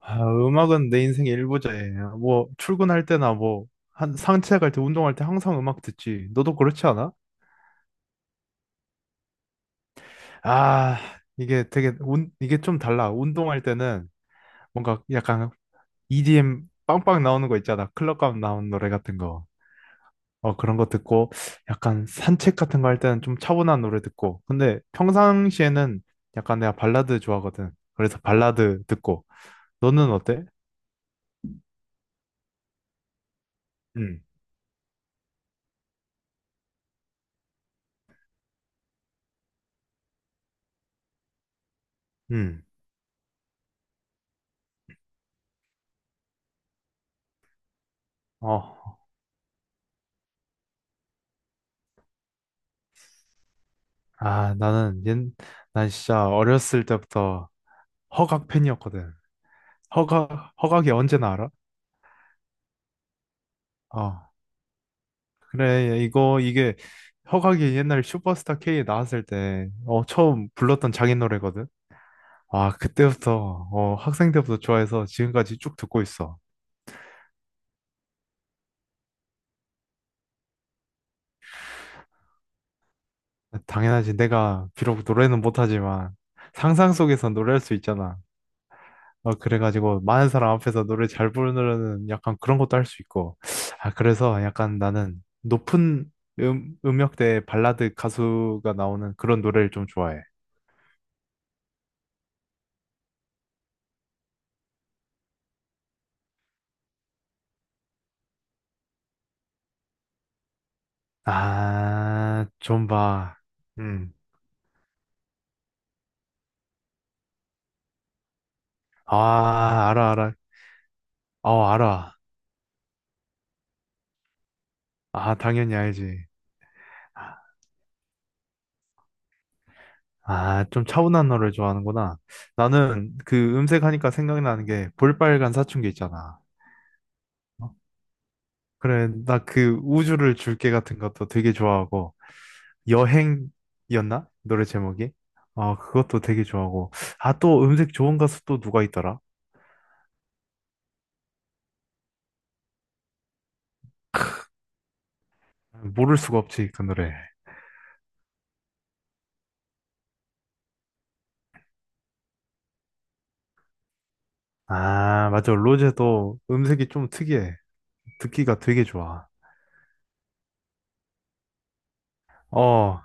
아, 음악은 내 인생의 일부자예요. 뭐 출근할 때나 뭐 한 산책할 때 운동할 때 항상 음악 듣지. 너도 그렇지 않아? 아, 이게 되게 운 이게 좀 달라. 운동할 때는 뭔가 약간 EDM 빵빵 나오는 거 있잖아. 클럽 가면 나오는 노래 같은 거. 어, 그런 거 듣고 약간 산책 같은 거 할 때는 좀 차분한 노래 듣고. 근데 평상시에는 약간 내가 발라드 좋아하거든. 그래서 발라드 듣고. 너는 어때? 응. 응. 어. 아, 나는 난 진짜 어렸을 때부터 허각 팬이었거든. 허각, 허각이 언제나 알아? 어, 그래, 허각이 옛날 슈퍼스타 K에 나왔을 때, 어, 처음 불렀던 자기 노래거든. 아, 그때부터, 어, 학생 때부터 좋아해서 지금까지 쭉 듣고 있어. 당연하지, 내가 비록 노래는 못하지만, 상상 속에서 노래할 수 있잖아. 어, 그래가지고 많은 사람 앞에서 노래 잘 부르는 약간 그런 것도 할 수 있고 아 그래서 약간 나는 높은 음역대 발라드 가수가 나오는 그런 노래를 좀 좋아해 아 좀봐 음. 아 알아 알아 어 알아 아 당연히 알지 아 좀 차분한 노래 좋아하는구나 나는 그 음색하니까 생각나는 게 볼빨간 사춘기 있잖아 어? 그래 나 그 우주를 줄게 같은 것도 되게 좋아하고 여행이었나? 노래 제목이? 아, 그것도 되게 좋아하고. 아, 또 음색 좋은 가수 또 누가 있더라? 모를 수가 없지, 그 노래. 아, 맞아. 로제도 음색이 좀 특이해. 듣기가 되게 좋아. 어,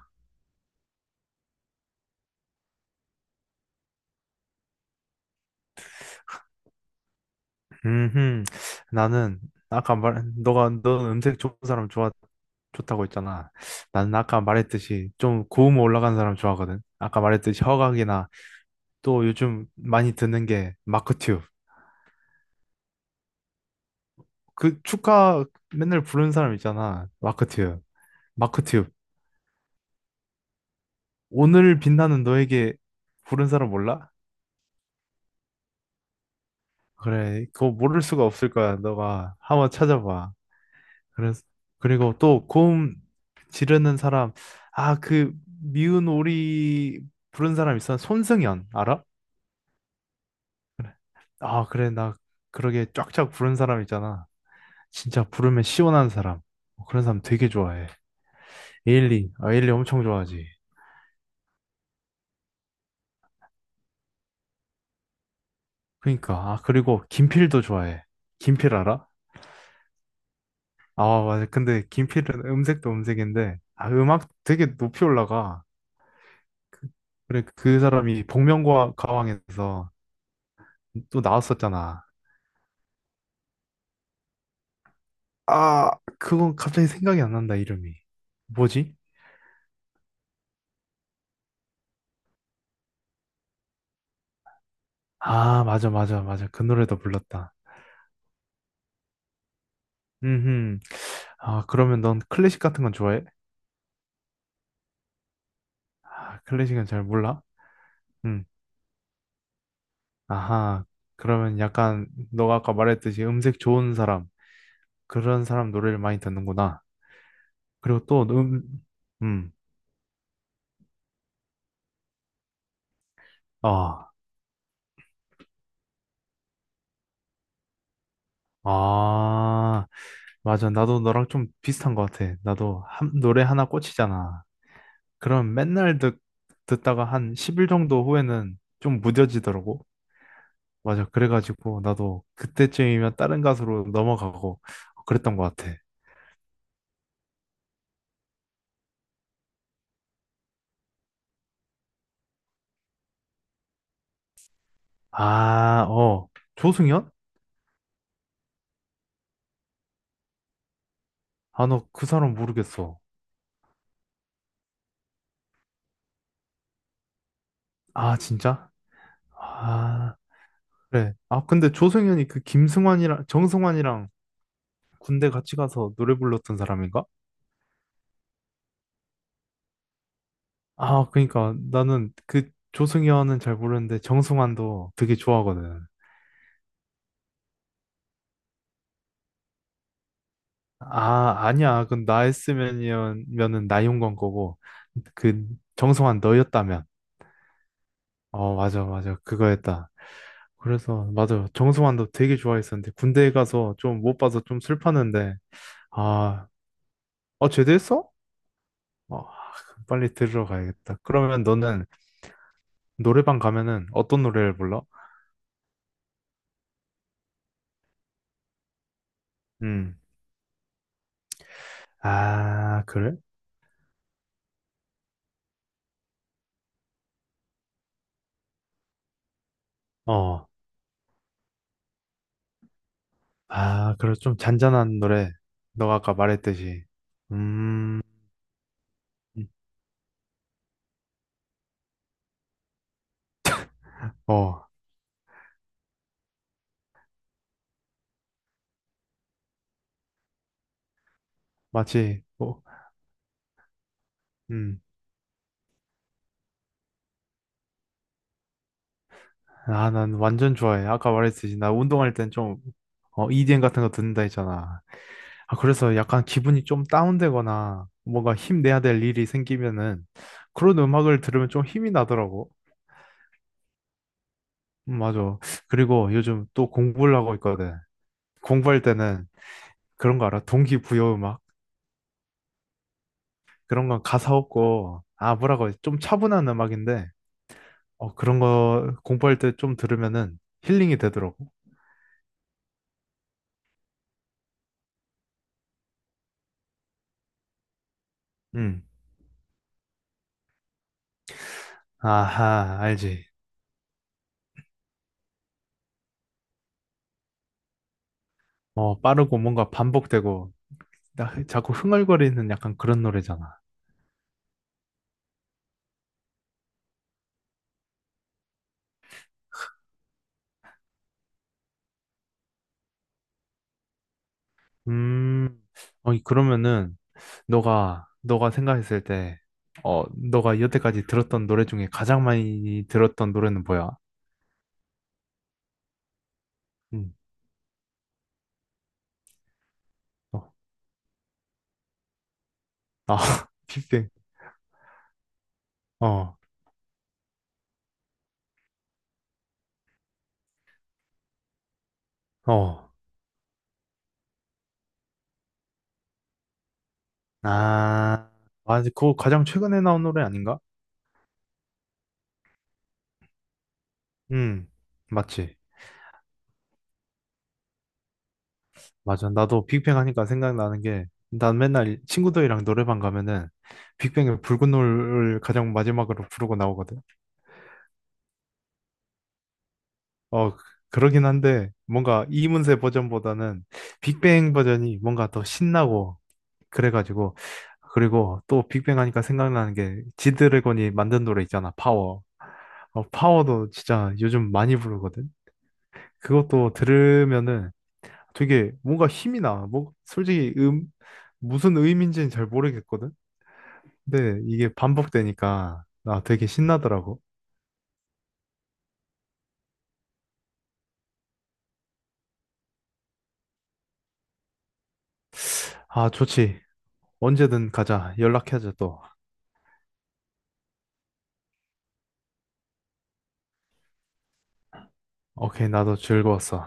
음, 나는 아까 너가 너 음색 좋은 사람 좋아 좋다고 했잖아. 나는 아까 말했듯이 좀 고음 올라간 사람 좋아하거든. 아까 말했듯이 허각이나 또 요즘 많이 듣는 게 마크 튜. 그 축가 맨날 부르는 사람 있잖아. 마크튜브. 마크튜브. 오늘 빛나는 너에게 부른 사람 몰라? 그래. 그거 모를 수가 없을 거야. 너가 한번 찾아봐. 그래서 그리고 또 고음 지르는 사람 아, 그 미운 오리 부른 사람 있어. 손승연 알아? 아, 그래. 나 그러게 쫙쫙 부른 사람 있잖아. 진짜 부르면 시원한 사람. 어, 그런 사람 되게 좋아해. 에일리. 아, 에일리 엄청 좋아하지. 그러니까 아 그리고 김필도 좋아해. 김필 알아? 아 맞아. 근데 김필은 음색도 음색인데 아 음악 되게 높이 올라가. 그- 그래 그 사람이 복면가왕 가왕에서 또 나왔었잖아. 아 그건 갑자기 생각이 안 난다 이름이. 뭐지? 아 맞아 맞아 맞아. 그 노래도 불렀다. 음흠. 아 그러면 넌 클래식 같은 건 좋아해? 아 클래식은 잘 몰라? 음. 아하. 그러면 약간 너가 아까 말했듯이 음색 좋은 사람. 그런 사람 노래를 많이 듣는구나. 그리고 또, 음, 아, 아, 맞아. 나도 너랑 좀 비슷한 것 같아. 나도 한, 노래 하나 꽂히잖아. 그럼 맨날 듣다가 한 10일 정도 후에는 좀 무뎌지더라고. 맞아. 그래가지고 나도 그때쯤이면 다른 가수로 넘어가고 그랬던 것 같아. 아, 어, 조승연? 아, 너 그 사람 모르겠어. 아, 진짜? 아, 그래. 아, 근데 조승연이 그 김승환이랑 정승환이랑 군대 같이 가서 노래 불렀던 사람인가? 아, 그러니까 나는 그 조승연은 잘 모르는데 정승환도 되게 좋아하거든. 아, 아니야. 그건 나였으면이면은 나윤건 거고 그 정승환 너였다면. 어, 맞아, 맞아. 그거였다. 그래서 맞아. 정승환도 되게 좋아했었는데 군대에 가서 좀 못 봐서 좀 슬펐는데 아, 어 제대했어? 어, 빨리 들으러 가야겠다. 그러면 너는 노래방 가면은 어떤 노래를 불러? 음. 아, 그래? 어. 아, 그래, 좀 잔잔한 노래. 너가 아까 말했듯이. 음, 어, 마치, 어, 음. 아, 난 완전 좋아해. 아까 말했듯이. 나 운동할 땐 좀, 어, EDM 같은 거 듣는다 했잖아. 아, 그래서 약간 기분이 좀 다운되거나 뭔가 힘내야 될 일이 생기면은 그런 음악을 들으면 좀 힘이 나더라고. 맞아. 그리고 요즘 또 공부를 하고 있거든. 공부할 때는 그런 거 알아? 동기부여 음악? 그런 건 가사 없고, 아, 뭐라고, 해야지? 좀 차분한 음악인데, 어, 그런 거 공부할 때 좀 들으면은 힐링이 되더라고. 음. 아하, 알지. 어, 빠르고 뭔가 반복되고, 나 자꾸 흥얼거리는 약간 그런 노래잖아. 음, 어, 그러면은, 너가, 너가 생각했을 때, 어, 너가 여태까지 들었던 노래 중에 가장 많이 들었던 노래는 뭐야? 음, 어, 아, 빅뱅. 어, 어. 아, 아, 그거 가장 최근에 나온 노래 아닌가? 음, 맞지. 맞아. 나도 빅뱅 하니까 생각나는 게, 난 맨날 친구들이랑 노래방 가면은 빅뱅의 붉은 노을 가장 마지막으로 부르고 나오거든. 어, 그러긴 한데, 뭔가 이문세 버전보다는 빅뱅 버전이 뭔가 더 신나고, 그래가지고, 그리고 또 빅뱅 하니까 생각나는 게, 지드래곤이 만든 노래 있잖아, 파워. 어, 파워도 진짜 요즘 많이 부르거든. 그것도 들으면은 되게 뭔가 힘이 나. 뭐 솔직히 무슨 의미인지는 잘 모르겠거든. 근데 이게 반복되니까 나 되게 신나더라고. 아, 좋지. 언제든 가자. 연락하자 또. 오케이, 나도 즐거웠어.